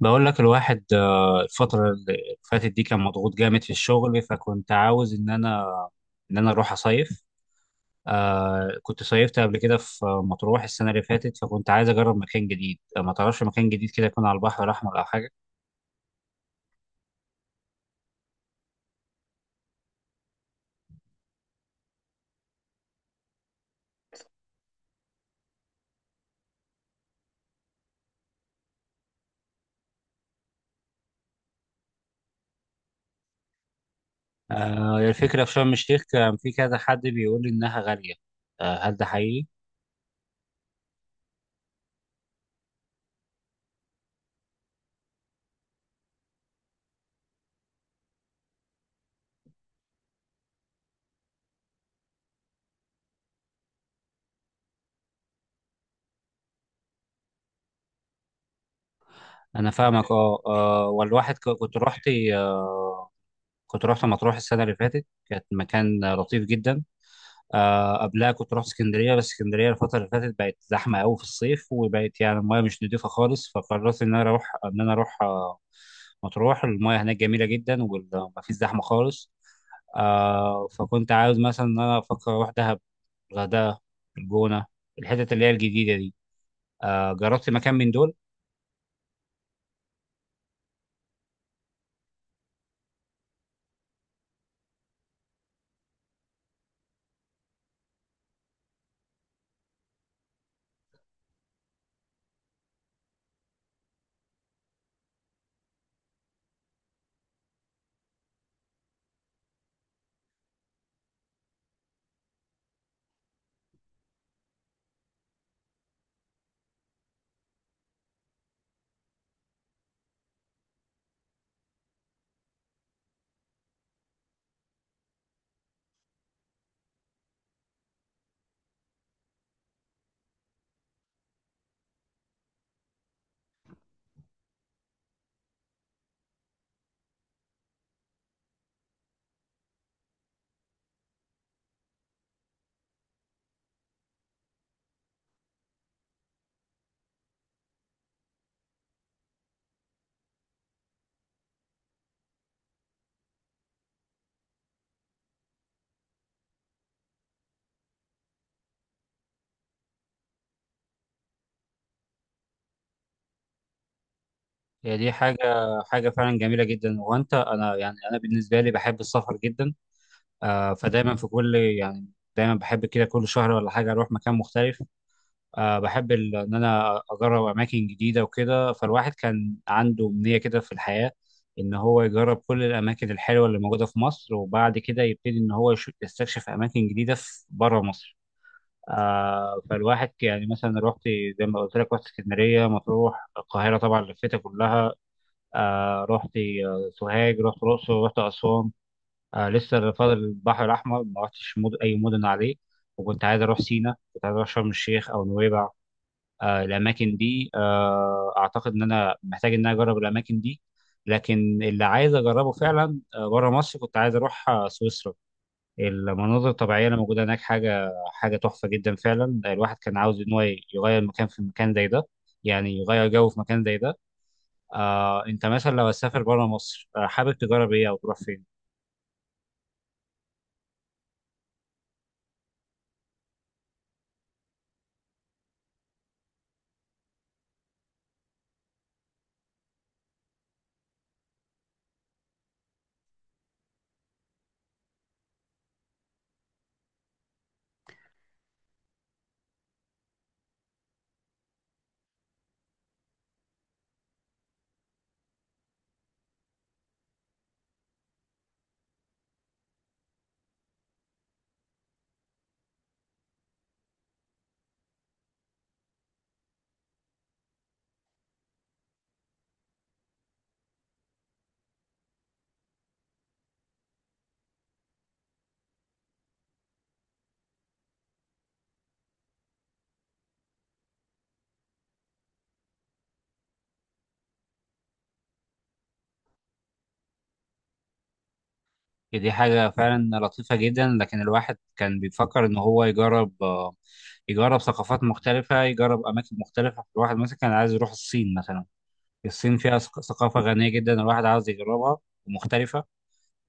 بقول لك الواحد الفترة اللي فاتت دي كان مضغوط جامد في الشغل، فكنت عاوز إن أنا أروح أصيف. كنت صيفت قبل كده في مطروح السنة اللي فاتت، فكنت عايز أجرب مكان جديد. ما تعرفش مكان جديد كده يكون على البحر الأحمر أو حاجة؟ الفكرة في شرم الشيخ، كان في كذا حد بيقول لي إنها غالية. هل ده حقيقي؟ أنا فاهمك. أه آه، والواحد كنت رحت. آه، كنت رحت مطروح السنة اللي فاتت، كانت مكان لطيف جدا. قبلها كنت رحت اسكندريه، بس اسكندريه الفتره اللي فاتت بقت زحمه قوي في الصيف وبقت يعني المايه مش نضيفه خالص، فقررت ان انا اروح مطروح. المايه هناك جميله جدا ومفيش زحمه خالص. فكنت عاوز مثلا ان انا افكر اروح دهب، الغردقه، الجونه، الحتت اللي هي الجديده دي. جربت مكان من دول؟ هي دي حاجه فعلا جميله جدا، انا يعني انا بالنسبه لي بحب السفر جدا. فدايما في كل يعني دايما بحب كده كل شهر ولا حاجة أروح مكان مختلف. بحب إن أنا أجرب أماكن جديدة وكده. فالواحد كان عنده أمنية كده في الحياة إن هو يجرب كل الأماكن الحلوة اللي موجودة في مصر، وبعد كده يبتدي إن هو يستكشف أماكن جديدة في بره مصر. فالواحد يعني مثلا رحت، زي ما قلت لك، رحت اسكندرية، مطروح، القاهرة طبعا لفيتها كلها. رحت سوهاج، رحت الأقصر، رحت أسوان. لسه فاضل البحر الأحمر، ما رحتش أي مدن عليه. وكنت عايز أروح سينا، كنت عايز أروح شرم الشيخ أو نويبع. الأماكن دي، أعتقد إن أنا محتاج إن أنا أجرب الأماكن دي. لكن اللي عايز أجربه فعلا بره مصر، كنت عايز أروح سويسرا. المناظر الطبيعية اللي موجودة هناك حاجة تحفة جدا فعلا. الواحد كان عاوز إن هو يغير مكان في مكان زي ده، يعني يغير جو في مكان زي ده. أنت مثلا لو هتسافر بره مصر، حابب تجرب إيه أو تروح فين؟ دي حاجة فعلا لطيفة جدا، لكن الواحد كان بيفكر إن هو يجرب يجرب ثقافات مختلفة، يجرب أماكن مختلفة. الواحد مثلا كان عايز يروح الصين مثلا. الصين فيها ثقافة غنية جدا الواحد عاوز يجربها، ومختلفة.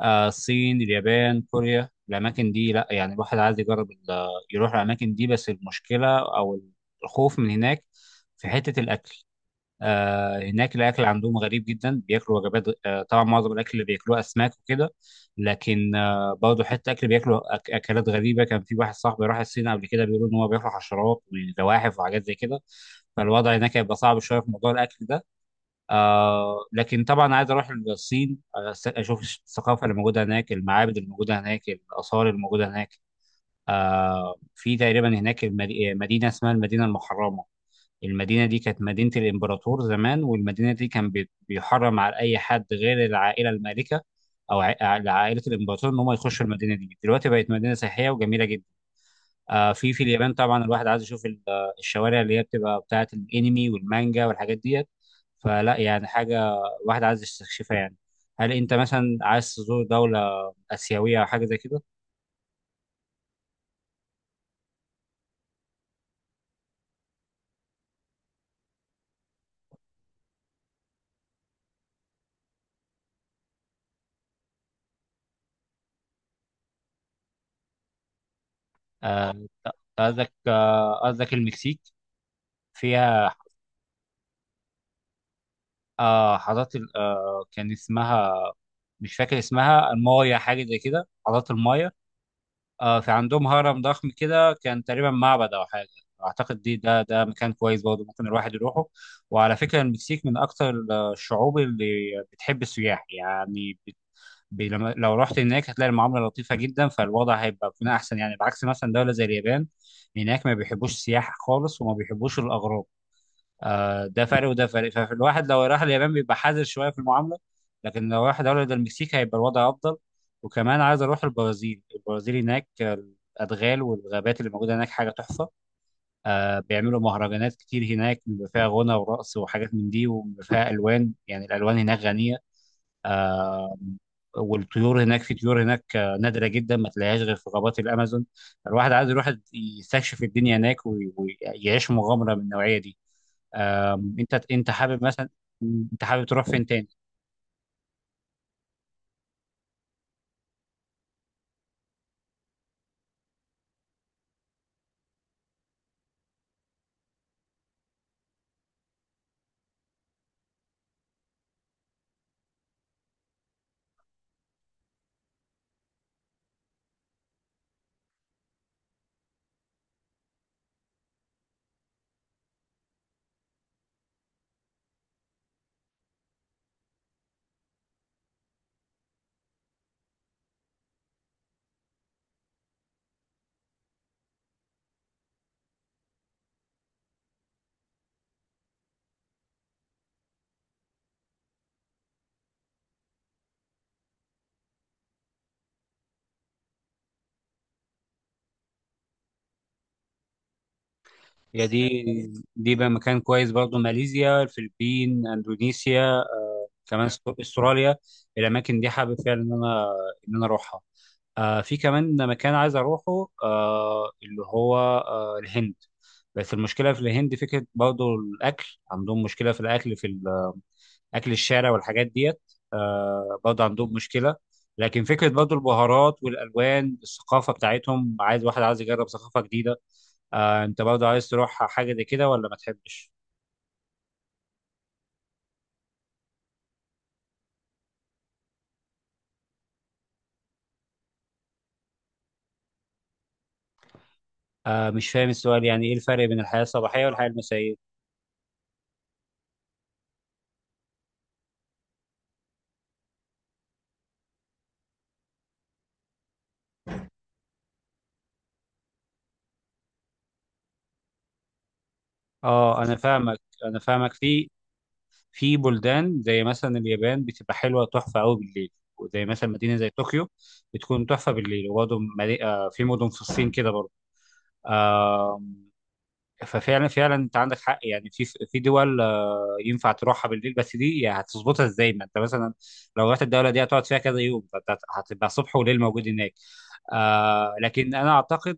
الصين، اليابان، كوريا، الأماكن دي لأ، يعني الواحد عايز يجرب يروح الأماكن دي. بس المشكلة أو الخوف من هناك في حتة الأكل. هناك الاكل عندهم غريب جدا، بياكلوا وجبات. طبعا معظم الاكل اللي بياكلوه اسماك وكده، لكن برضه حتى اكل بياكلوا اكلات غريبه. كان في واحد صاحبي راح الصين قبل كده، بيقولوا ان هو بياكل حشرات وزواحف وحاجات زي كده. فالوضع هناك هيبقى صعب شويه في موضوع الاكل ده. لكن طبعا عايز اروح الصين، اشوف الثقافه اللي موجوده هناك، المعابد اللي موجوده هناك، الاثار اللي موجوده هناك. في تقريبا هناك مدينه اسمها المدينه المحرمه. المدينة دي كانت مدينة الإمبراطور زمان، والمدينة دي كان بيحرم على أي حد غير العائلة المالكة، أو عائلة الإمبراطور إن هم يخشوا المدينة دي. دلوقتي بقت مدينة سياحية وجميلة جدا. في اليابان طبعا الواحد عايز يشوف الشوارع اللي هي بتبقى بتاعة الأنمي والمانجا والحاجات ديت. فلا يعني حاجة، الواحد عايز يستكشفها يعني. هل أنت مثلا عايز تزور دولة آسيوية أو حاجة زي كده؟ آه، قصدك المكسيك فيها. حضرت كان اسمها، مش فاكر اسمها، المايا، حاجة زي كده. حضرت المايا. في عندهم هرم ضخم كده، كان تقريبا معبد أو حاجة. أعتقد دي ده ده مكان كويس برضه ممكن الواحد يروحه. وعلى فكرة المكسيك من أكتر الشعوب اللي بتحب السياح، يعني لو رحت هناك هتلاقي المعاملة لطيفة جدا، فالوضع بيكون أحسن. يعني بعكس مثلا دولة زي اليابان، هناك ما بيحبوش السياح خالص وما بيحبوش الأغراب. ده فرق وده فرق. فالواحد لو راح اليابان بيبقى حذر شويه في المعامله، لكن لو راح دوله زي المكسيك هيبقى الوضع افضل. وكمان عايز اروح البرازيل. البرازيل هناك الادغال والغابات اللي موجوده هناك حاجه تحفه. بيعملوا مهرجانات كتير هناك، بيبقى فيها غنى ورقص وحاجات من دي، وبيبقى فيها الوان، يعني الالوان هناك غنيه. آه، والطيور هناك، في طيور هناك نادره جدا ما تلاقيهاش غير في غابات الامازون. الواحد عايز يروح يستكشف الدنيا هناك ويعيش مغامره من النوعيه دي. انت حابب مثلا، انت حابب تروح فين تاني؟ يا دي دي بقى مكان كويس برضو. ماليزيا، الفلبين، اندونيسيا، كمان استراليا، الاماكن دي حابب فعلا ان انا اروحها. في كمان مكان عايز اروحه، اللي هو الهند. بس المشكله في الهند فكره، برضو الاكل عندهم مشكله، في اكل الشارع والحاجات ديت. برضه عندهم مشكله. لكن فكره برضه البهارات والالوان الثقافه بتاعتهم، واحد عايز يجرب ثقافه جديده. انت برضه عايز تروح حاجه زي كده ولا ما تحبش؟ مش فاهم السؤال. يعني ايه الفرق بين الحياه الصباحيه والحياه المسائيه؟ اه انا فاهمك انا فاهمك. في في بلدان زي مثلا اليابان بتبقى حلوه تحفه قوي بالليل، وزي مثلا مدينه زي طوكيو بتكون تحفه بالليل. وبرضه في مدن في الصين كده برضه. ففعلا انت عندك حق، يعني في دول ينفع تروحها بالليل. بس دي يعني هتظبطها ازاي، ما انت مثلا لو رحت الدوله دي هتقعد فيها كذا يوم، فانت هتبقى صبح وليل موجود هناك. لكن انا اعتقد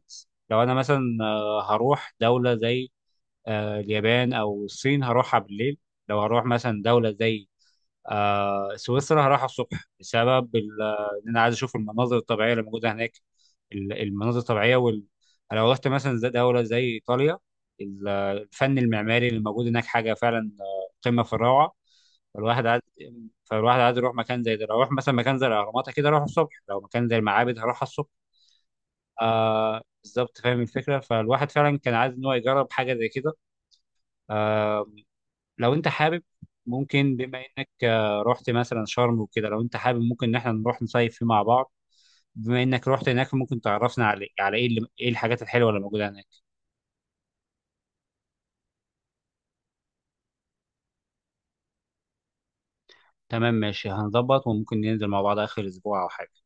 لو انا مثلا هروح دوله زي اليابان او الصين هروحها بالليل. لو هروح مثلا دوله زي سويسرا هروح الصبح، بسبب ان انا عايز اشوف المناظر الطبيعيه اللي موجوده هناك. المناظر الطبيعيه لو رحت مثلا زي دوله زي ايطاليا، الفن المعماري اللي موجود هناك حاجه فعلا قمه في الروعه. فالواحد عايز، يروح مكان زي ده. لو اروح مثلا مكان زي الاهرامات كده اروح الصبح، لو مكان زي المعابد هروح الصبح. بالظبط فاهم الفكره. فالواحد فعلا كان عايز ان هو يجرب حاجه زي كده. آه، لو انت حابب ممكن، بما انك رحت مثلا شرم وكده، لو انت حابب ممكن ان احنا نروح نصيف فيه مع بعض. بما انك رحت هناك ممكن تعرفنا ايه الحاجات الحلوه اللي موجوده هناك. تمام ماشي، هنظبط وممكن ننزل مع بعض اخر اسبوع او حاجه.